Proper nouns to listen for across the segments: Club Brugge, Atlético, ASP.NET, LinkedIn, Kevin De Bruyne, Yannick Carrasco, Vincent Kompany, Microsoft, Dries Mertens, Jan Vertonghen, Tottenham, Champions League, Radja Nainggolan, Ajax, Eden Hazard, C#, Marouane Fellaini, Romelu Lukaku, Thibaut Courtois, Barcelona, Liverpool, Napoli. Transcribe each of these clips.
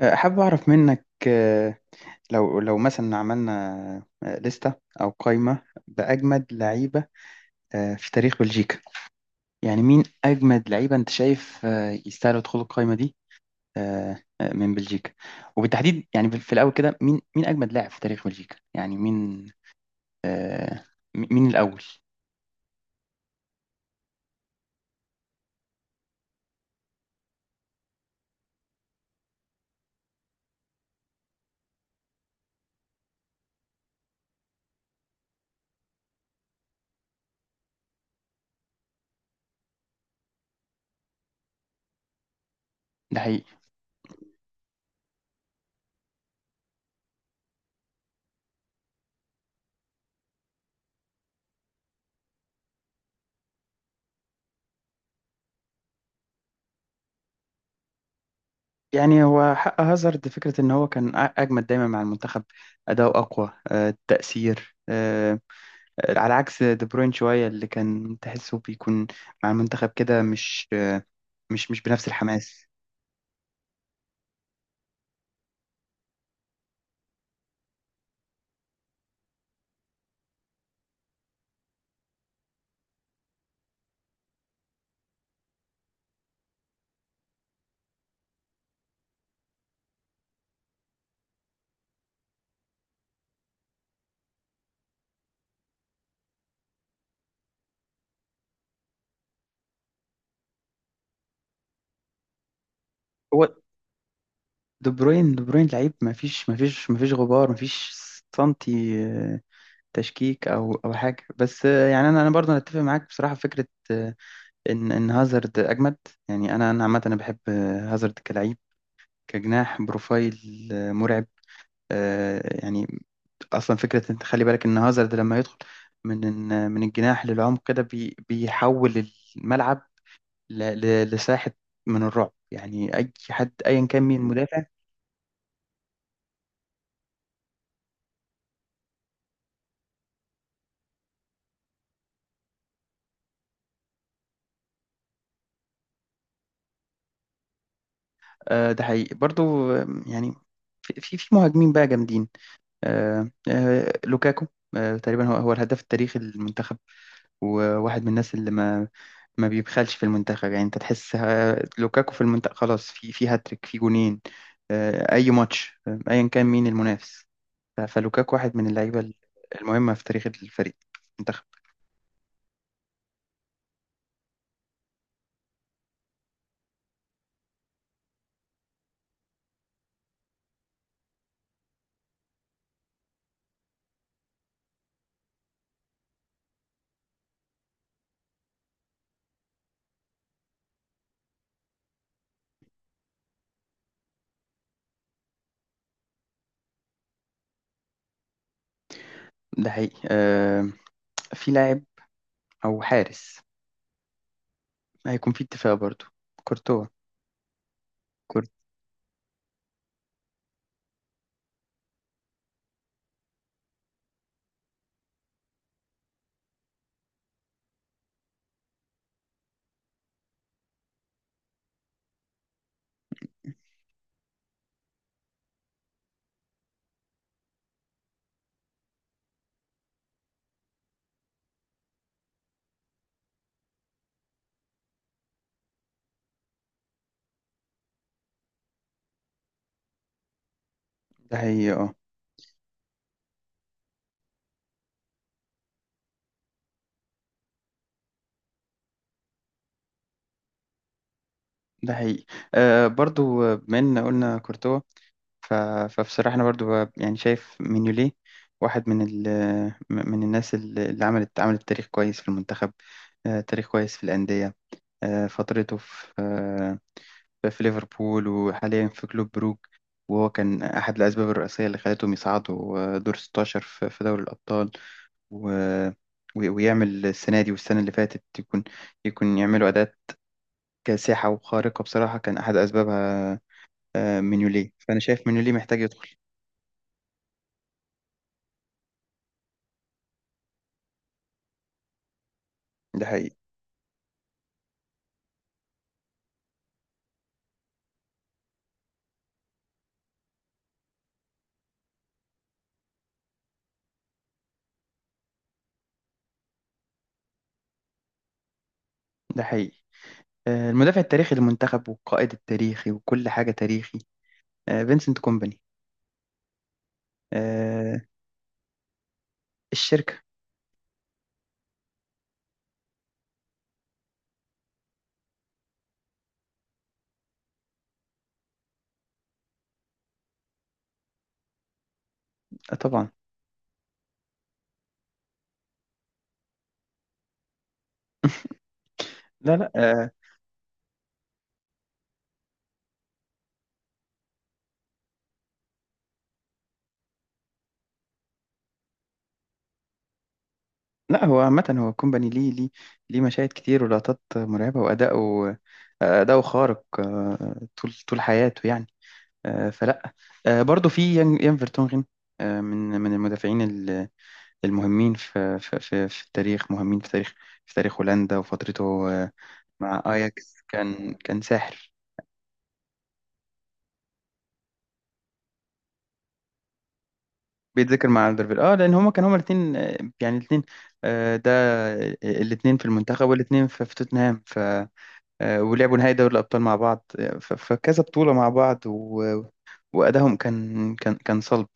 حابب أعرف منك آه، لو لو مثلا عملنا لستة أو قائمة بأجمد لعيبة في تاريخ بلجيكا، يعني مين أجمد لعيبة أنت شايف يستاهلوا يدخلوا القائمة دي من بلجيكا، وبالتحديد يعني في الأول كده مين أجمد لاعب في تاريخ بلجيكا؟ يعني مين؟ آه، مين الأول؟ ده حقيقي. يعني هو حق هازارد فكرة إن هو كان أجمد دايما مع المنتخب، أداؤه أقوى التأثير، على عكس دي بروين شوية، اللي كان تحسه بيكون مع المنتخب كده مش بنفس الحماس. هو دي بروين لعيب، ما فيش غبار، ما فيش سنتي تشكيك او حاجه، بس يعني انا برضه أنا اتفق معاك بصراحه في فكره آه، ان هازارد اجمد. يعني انا عامه انا بحب هازارد كلعيب كجناح، بروفايل مرعب. يعني اصلا فكره انت خلي بالك ان هازارد لما يدخل من من الجناح للعمق كده بيحول الملعب لساحه من الرعب، يعني اي حد ايا كان مين المدافع. ده حقيقي برضو. يعني في مهاجمين بقى جامدين، لوكاكو تقريبا هو الهداف التاريخي للمنتخب، وواحد من الناس اللي ما بيبخلش في المنتخب. يعني انت تحس لوكاكو في المنتخب خلاص، في في هاتريك، في جونين، اي ماتش ايا كان مين المنافس. فلوكاكو واحد من اللعيبة المهمة في تاريخ الفريق، المنتخب. ده حقيقي. في لاعب أو حارس هيكون في اتفاق برضو، كورتوا. كور- ده حقيقي. اه، ده حقيقي. آه برضو آه، بما ان قلنا كورتوا، ف... فبصراحة انا برضو يعني شايف مينيولي واحد من من الناس اللي عملت تاريخ كويس في المنتخب، آه تاريخ كويس في الأندية، آه فترته في في ليفربول وحاليا في كلوب بروك. وهو كان أحد الأسباب الرئيسية اللي خلتهم يصعدوا دور 16 في في دوري الأبطال، و... ويعمل السنة دي والسنة اللي فاتت، يكون يعملوا أداءات كاسحة وخارقة. بصراحة كان أحد أسبابها مينيولي، فأنا شايف مينيولي محتاج يدخل. ده حقيقي. ده حقيقي. المدافع التاريخي للمنتخب والقائد التاريخي وكل حاجة تاريخي فينسنت كومباني آه، الشركة طبعا. لا لا لا هو عامة، هو كومباني ليه مشاهد كتير ولقطات مرعبة، وأداؤه خارق طول حياته يعني. آه، فلا آه، برضو في يان فيرتونغن من المدافعين المهمين في التاريخ، مهمين في تاريخ، في تاريخ هولندا. وفترته مع اياكس كان كان ساحر. بيتذكر مع الدربيل، اه لان هما كانوا هما الاثنين، يعني الاثنين ده، الاثنين في المنتخب والاثنين في في توتنهام ولعبوا نهائي دوري الأبطال مع بعض فكذا بطولة مع بعض، وأدائهم كان كان صلب.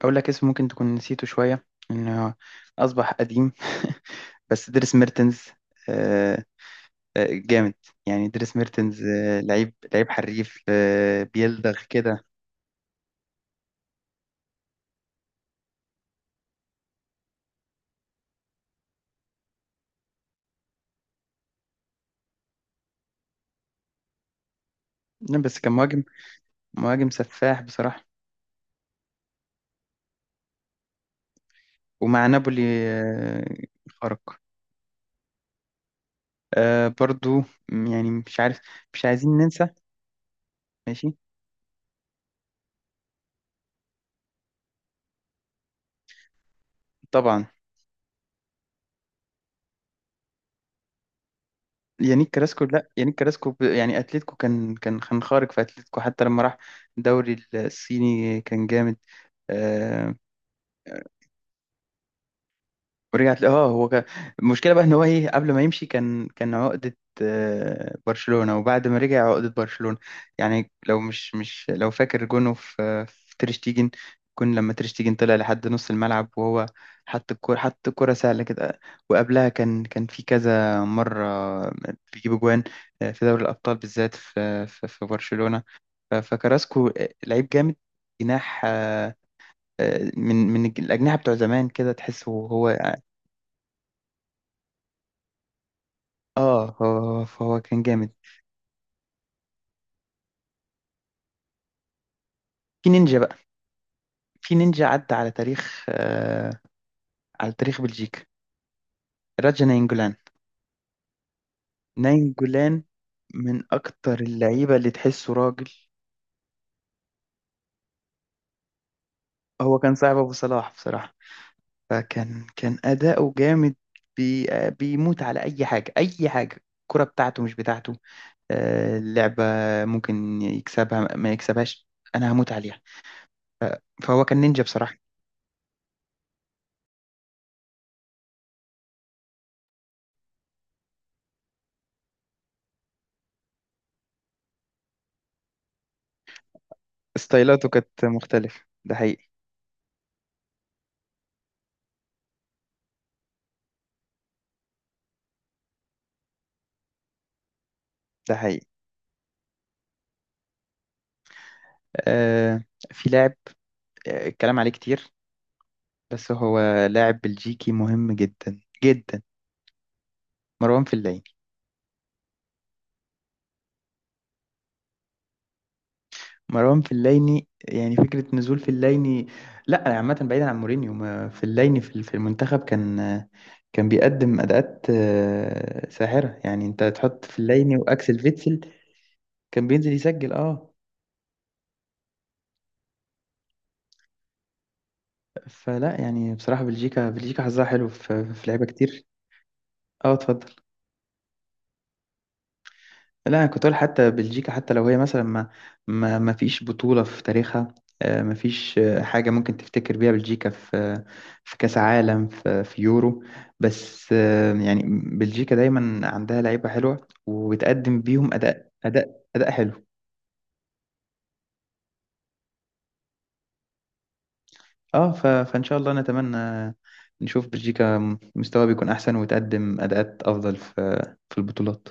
أقول لك اسم ممكن تكون نسيته شوية، إنه أصبح قديم بس دريس ميرتنز آه، جامد. يعني دريس ميرتنز لعيب حريف بيلدغ كده. لا، بس كان مهاجم، مهاجم سفاح بصراحة، ومع نابولي آه، خرق. آه، برضو يعني مش عارف، مش عايزين ننسى. ماشي. طبعا. يانيك كراسكو، لا يانيك كراسكو يعني اتلتيكو، كان خارق في اتلتيكو، حتى لما راح الدوري الصيني كان جامد آه، ورجعت. اه هو كان، المشكله بقى ان هو ايه، قبل ما يمشي كان عقده برشلونه، وبعد ما رجع عقده برشلونه. يعني لو مش مش لو فاكر جونه في في تريشتيجن، كون لما تريشتيجن طلع لحد نص الملعب وهو حط الكوره، سهله كده. وقبلها كان في كذا مره بيجيب جوان في دوري الابطال بالذات في في, في برشلونه. فكراسكو لعيب جامد، جناح من الأجنحة بتوع زمان كده تحسه هو. اه هو، كان جامد. في نينجا بقى، في نينجا عدى على تاريخ على تاريخ بلجيكا، راجا ناينجولان، ناينجولان، من اكتر اللعيبه اللي تحسه راجل. هو كان صاحب ابو صلاح بصراحه، كان اداؤه جامد، بي آه، بيموت على اي حاجه، اي حاجه الكره بتاعته مش بتاعته، آه اللعبه ممكن يكسبها ما يكسبهاش، انا هموت عليها. فهو كان نينجا بصراحه. ستايلاته كانت مختلفه، ده حقيقي. ده حقيقي. آه في لاعب الكلام عليه كتير، بس هو لاعب بلجيكي مهم جدا جدا، مروان فليني. مروان فليني، يعني فكرة نزول فليني، لا عامة بعيدا عن مورينيو، فليني في في المنتخب كان كان بيقدم أداءات ساحرة. يعني انت تحط فليني وأكسل فيتسل. كان بينزل يسجل، اه. يعني بصراحة بلجيكا، بلجيكا حظها حلو في في لعيبة كتير. اه، اتفضل. لا أنا كنت أقول، حتى بلجيكا حتى لو هي مثلا ما ما ما فيش بطولة في تاريخها، ما فيش حاجة ممكن تفتكر بيها بلجيكا في في كأس عالم، في, في يورو، بس يعني بلجيكا دايما عندها لعيبة حلوة وبتقدم بيهم أداء أداء حلو. اه فإن شاء الله نتمنى نشوف بلجيكا مستواها بيكون أحسن وتقدم أداءات أفضل في في البطولات.